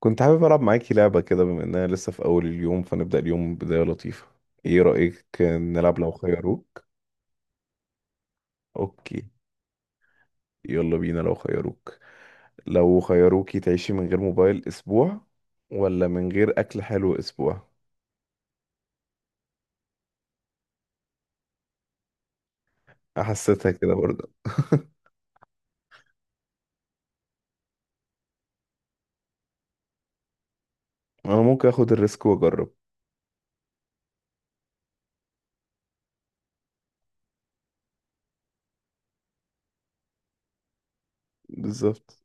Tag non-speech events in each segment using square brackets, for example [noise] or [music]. كنت حابب ألعب معاكي لعبة كده بما إننا لسه في أول اليوم، فنبدأ اليوم بداية لطيفة. إيه رأيك نلعب لو خيروك؟ أوكي، يلا بينا لو خيروك. لو خيروكي تعيشي من غير موبايل أسبوع ولا من غير أكل حلو أسبوع؟ حسيتها كده برضه [laughs] أنا ممكن أخد الريسك وأجرب. بالظبط.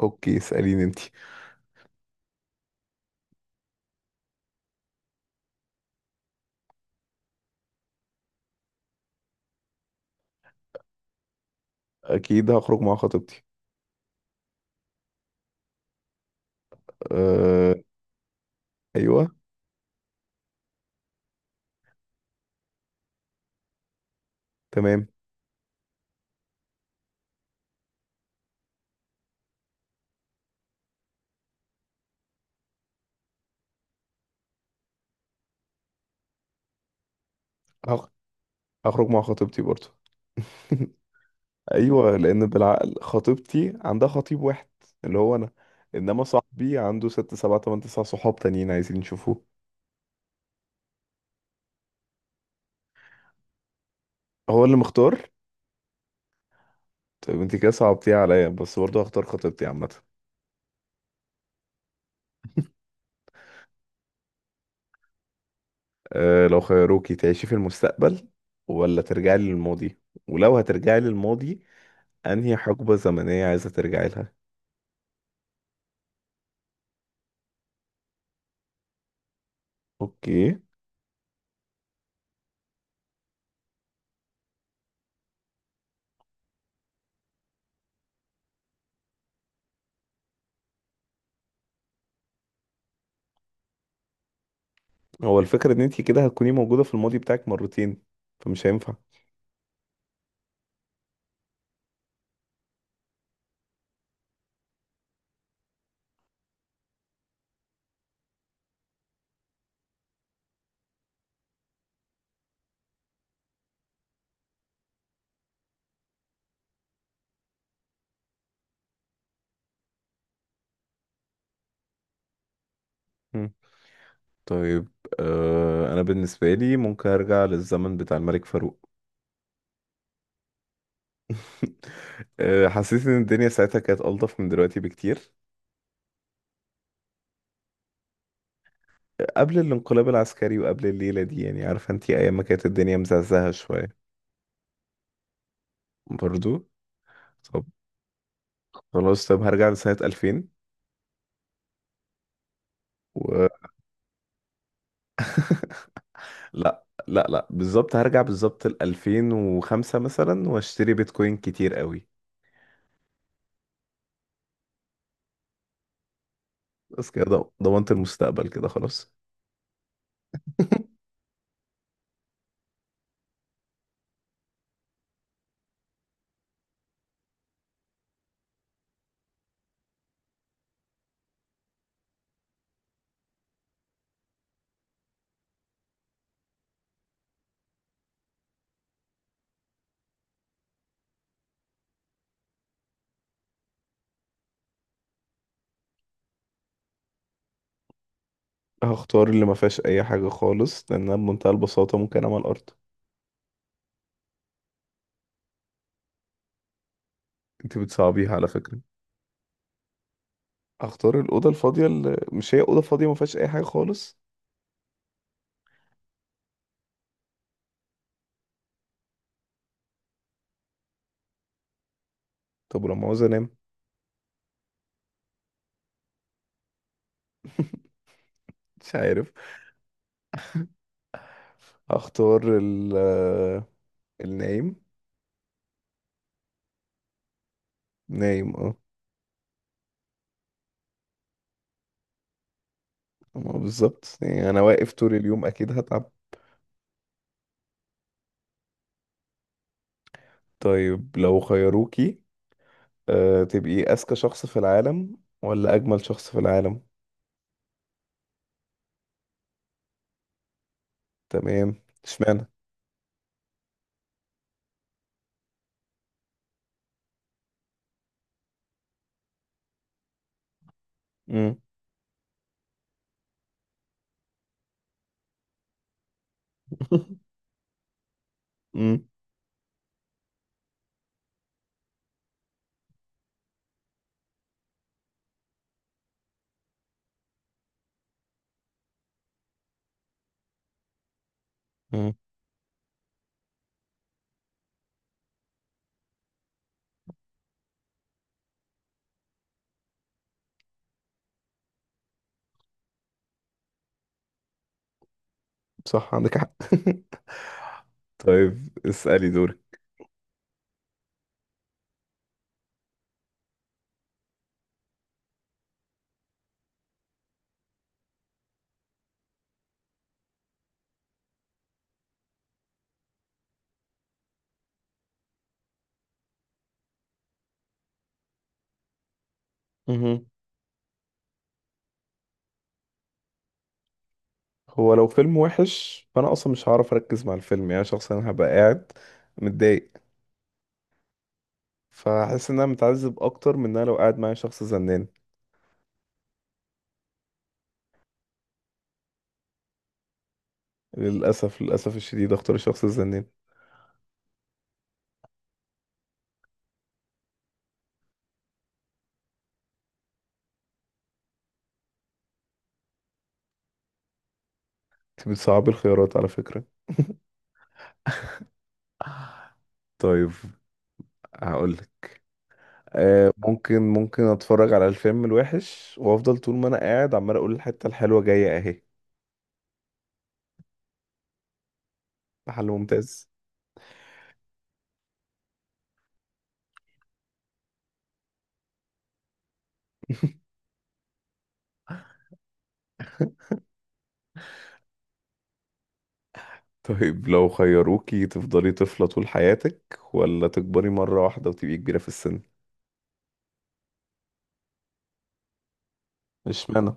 أوكي اسأليني أنتي. أكيد هخرج مع خطيبتي. أه... أيوه. تمام. هخ- هخرج مع خطيبتي برضه [laughs] ايوه، لان بالعقل خطيبتي عندها خطيب واحد اللي هو انا، انما صاحبي عنده ست سبعة تمن تسع صحاب تانيين عايزين يشوفوه. هو اللي مختار. طيب انت كده صعبتيها عليا بس برضه هختار خطيبتي عامة. أه لو خيروكي تعيشي في المستقبل ولا ترجعي للماضي؟ ولو هترجعي للماضي، انهي حقبة زمنية عايزة ترجعي لها؟ اوكي. هو الفكرة ان انت كده هتكوني موجودة في الماضي بتاعك مرتين، فمش هينفع. مم. طيب، أه انا بالنسبة لي ممكن ارجع للزمن بتاع الملك فاروق. [laughs] آه، حسيت ان الدنيا ساعتها كانت ألطف من دلوقتي بكتير. قبل الانقلاب العسكري وقبل الليلة دي، يعني عارفة انتي ايام ما كانت الدنيا مزعزعة شوية. برضو. طب خلاص، طب هرجع لسنة 2000 و... لا لا لا، بالظبط هرجع بالظبط ل 2005 مثلا واشتري بيتكوين كتير قوي. بس كده ضمنت المستقبل كده خلاص. [laughs] هختار اللي ما فيهاش اي حاجة خالص، لانها بمنتهى البساطة ممكن اعمل ارض. انتي بتصعبيها على فكرة. اختار الاوضه الفاضيه اللي مش هي اوضه فاضيه، ما فيهاش اي حاجه خالص. طب ولما عاوز انام؟ مش عارف. اختار ال النايم. نايم اه. ما بالظبط، يعني انا واقف طول اليوم اكيد هتعب. طيب لو خيروكي، أه تبقي اذكى شخص في العالم ولا اجمل شخص في العالم؟ تمام. اشمعنى؟ امم. [laughs] امم. امم. صح، عندك حق. [laughs] طيب اسالي. دورك. هو لو فيلم وحش، فانا اصلا مش هعرف اركز مع الفيلم، يعني شخصيا هبقى قاعد متضايق. فحاسس ان انا متعذب اكتر من ان انا لو قاعد معايا شخص زنان. للاسف، للاسف الشديد اختار الشخص الزنان. انت بتصعبي الخيارات على فكرة. طيب هقولك، آه ممكن ممكن اتفرج على الفيلم الوحش وافضل طول ما انا قاعد عمال اقول الحتة الحلوة جاية اهي. محل ممتاز. [laughs] طيب لو خيروكي تفضلي طفلة طول حياتك ولا تكبري مرة واحدة وتبقي كبيرة في السن؟ اشمعنى؟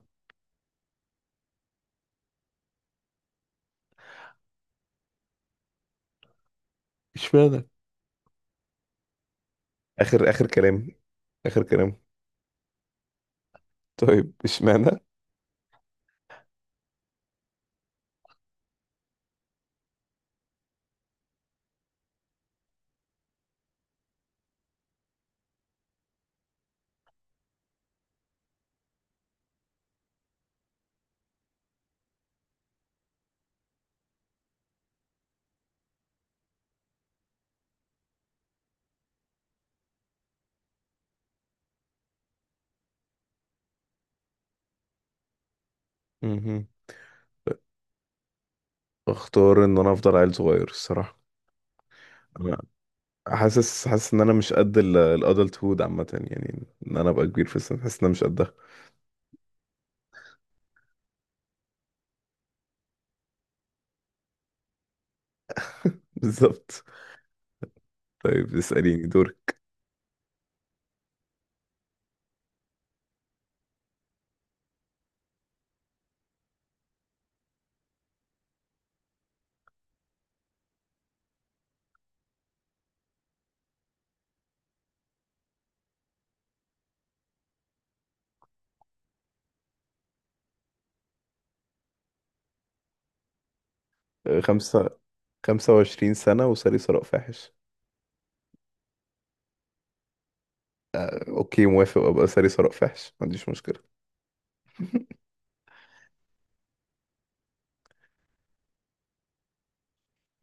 اشمعنى؟ اخر اخر كلام. اخر كلام. طيب اشمعنى؟ مهم. اختار ان انا افضل عيل صغير الصراحه. انا حاسس، حاسس ان انا مش قد الادلت هود عامه، يعني ان انا ابقى كبير في السن حاسس ان انا مش قدها. [laughs] بالظبط. طيب اساليني دوري. أه، خمسة، خمسة وعشرين سنة وساري ثراء فاحش. أه، اوكي موافق، ابقى ساري ثراء فاحش ما عنديش مشكلة.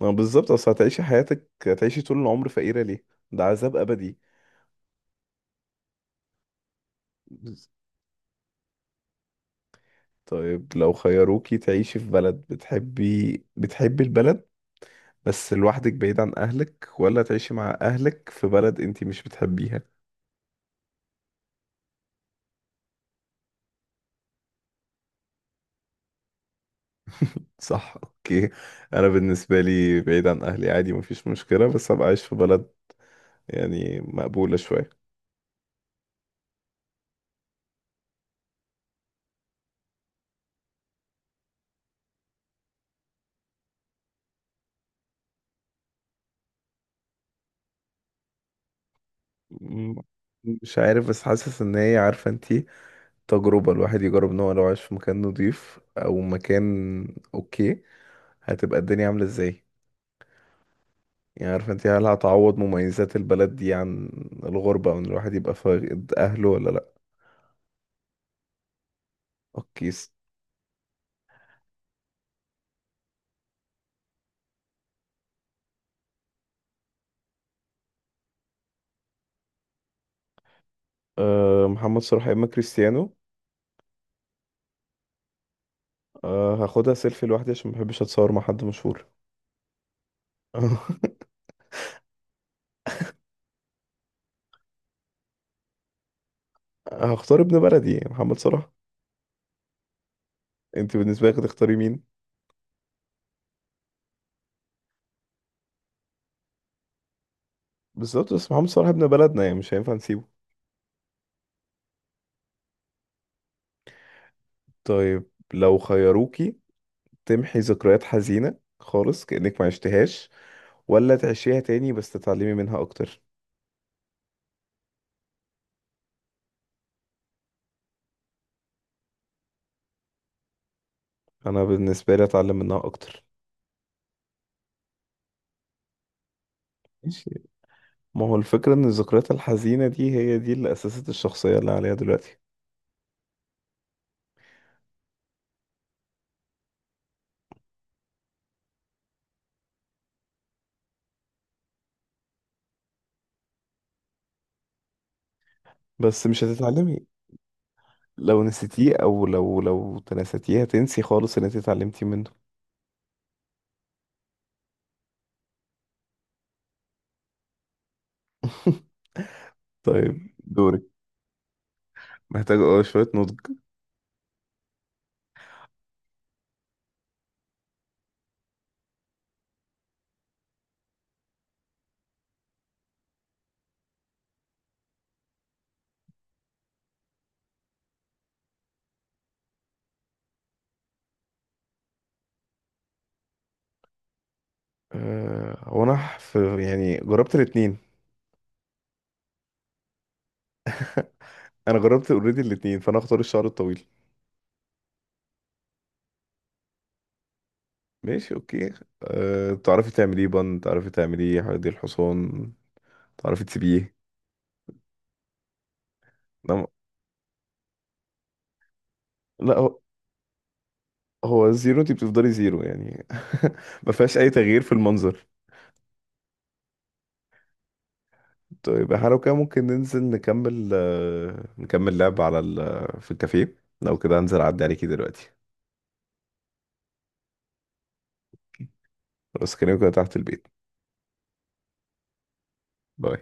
ما بالظبط، اصل هتعيشي حياتك هتعيشي طول العمر فقيرة ليه؟ ده عذاب ابدي. طيب لو خيروكي تعيشي في بلد بتحبي، بتحبي البلد بس لوحدك بعيد عن أهلك، ولا تعيشي مع أهلك في بلد أنتي مش بتحبيها؟ صح، أوكي. أنا بالنسبة لي بعيد عن أهلي عادي، مفيش مشكلة، بس أبقى عايش في بلد يعني مقبولة شوية. م- مش عارف، بس حاسس إن هي عارفة أنتي تجربة الواحد يجرب إن هو لو عايش في مكان نضيف أو مكان. أوكي. هتبقى الدنيا عاملة إزاي؟ يعني عارفة انت، هل هتعوض مميزات البلد دي عن الغربة وان الواحد يبقى فاقد اهله ولا لا. اوكي أه محمد صلاح يا اما كريستيانو؟ أه، هاخدها سيلفي لوحدي عشان محبش اتصور مع حد مشهور. [laughs] هختار ابن بلدي محمد صلاح. انت بالنسبة لك هتختاري مين؟ بالظبط، بس محمد صلاح ابن بلدنا يعني مش هينفع نسيبه. طيب لو خيروكي تمحي ذكريات حزينة خالص كأنك ما عشتهاش، ولا تعيشيها تاني بس تتعلمي منها اكتر؟ انا بالنسبة لي اتعلم منها اكتر. ما هو الفكرة ان الذكريات الحزينة دي هي دي اللي اسست الشخصية اللي عليها دلوقتي. بس مش هتتعلمي. لو نسيتيه او لو تناستيه هتنسي خالص اللي انت اتعلمتي منه. [laughs] طيب دورك. محتاج اه شوية نضج. أه هو انا في يعني جربت الاتنين. انا جربت اوريدي الاتنين، فانا اختار الشعر الطويل. ماشي اوكي. أه تعرفي تعمليه بند، تعرفي تعمليه حديقة الحصان، تعرفي تسيبيه. لا، هو هو زيرو، انت بتفضلي زيرو يعني. [laughs] ما فيهاش اي تغيير في المنظر. طيب احنا لو كده ممكن ننزل نكمل، آه، نكمل لعب على في الكافيه. لو كده هنزل اعدي عليكي دلوقتي بس كده تحت البيت. باي.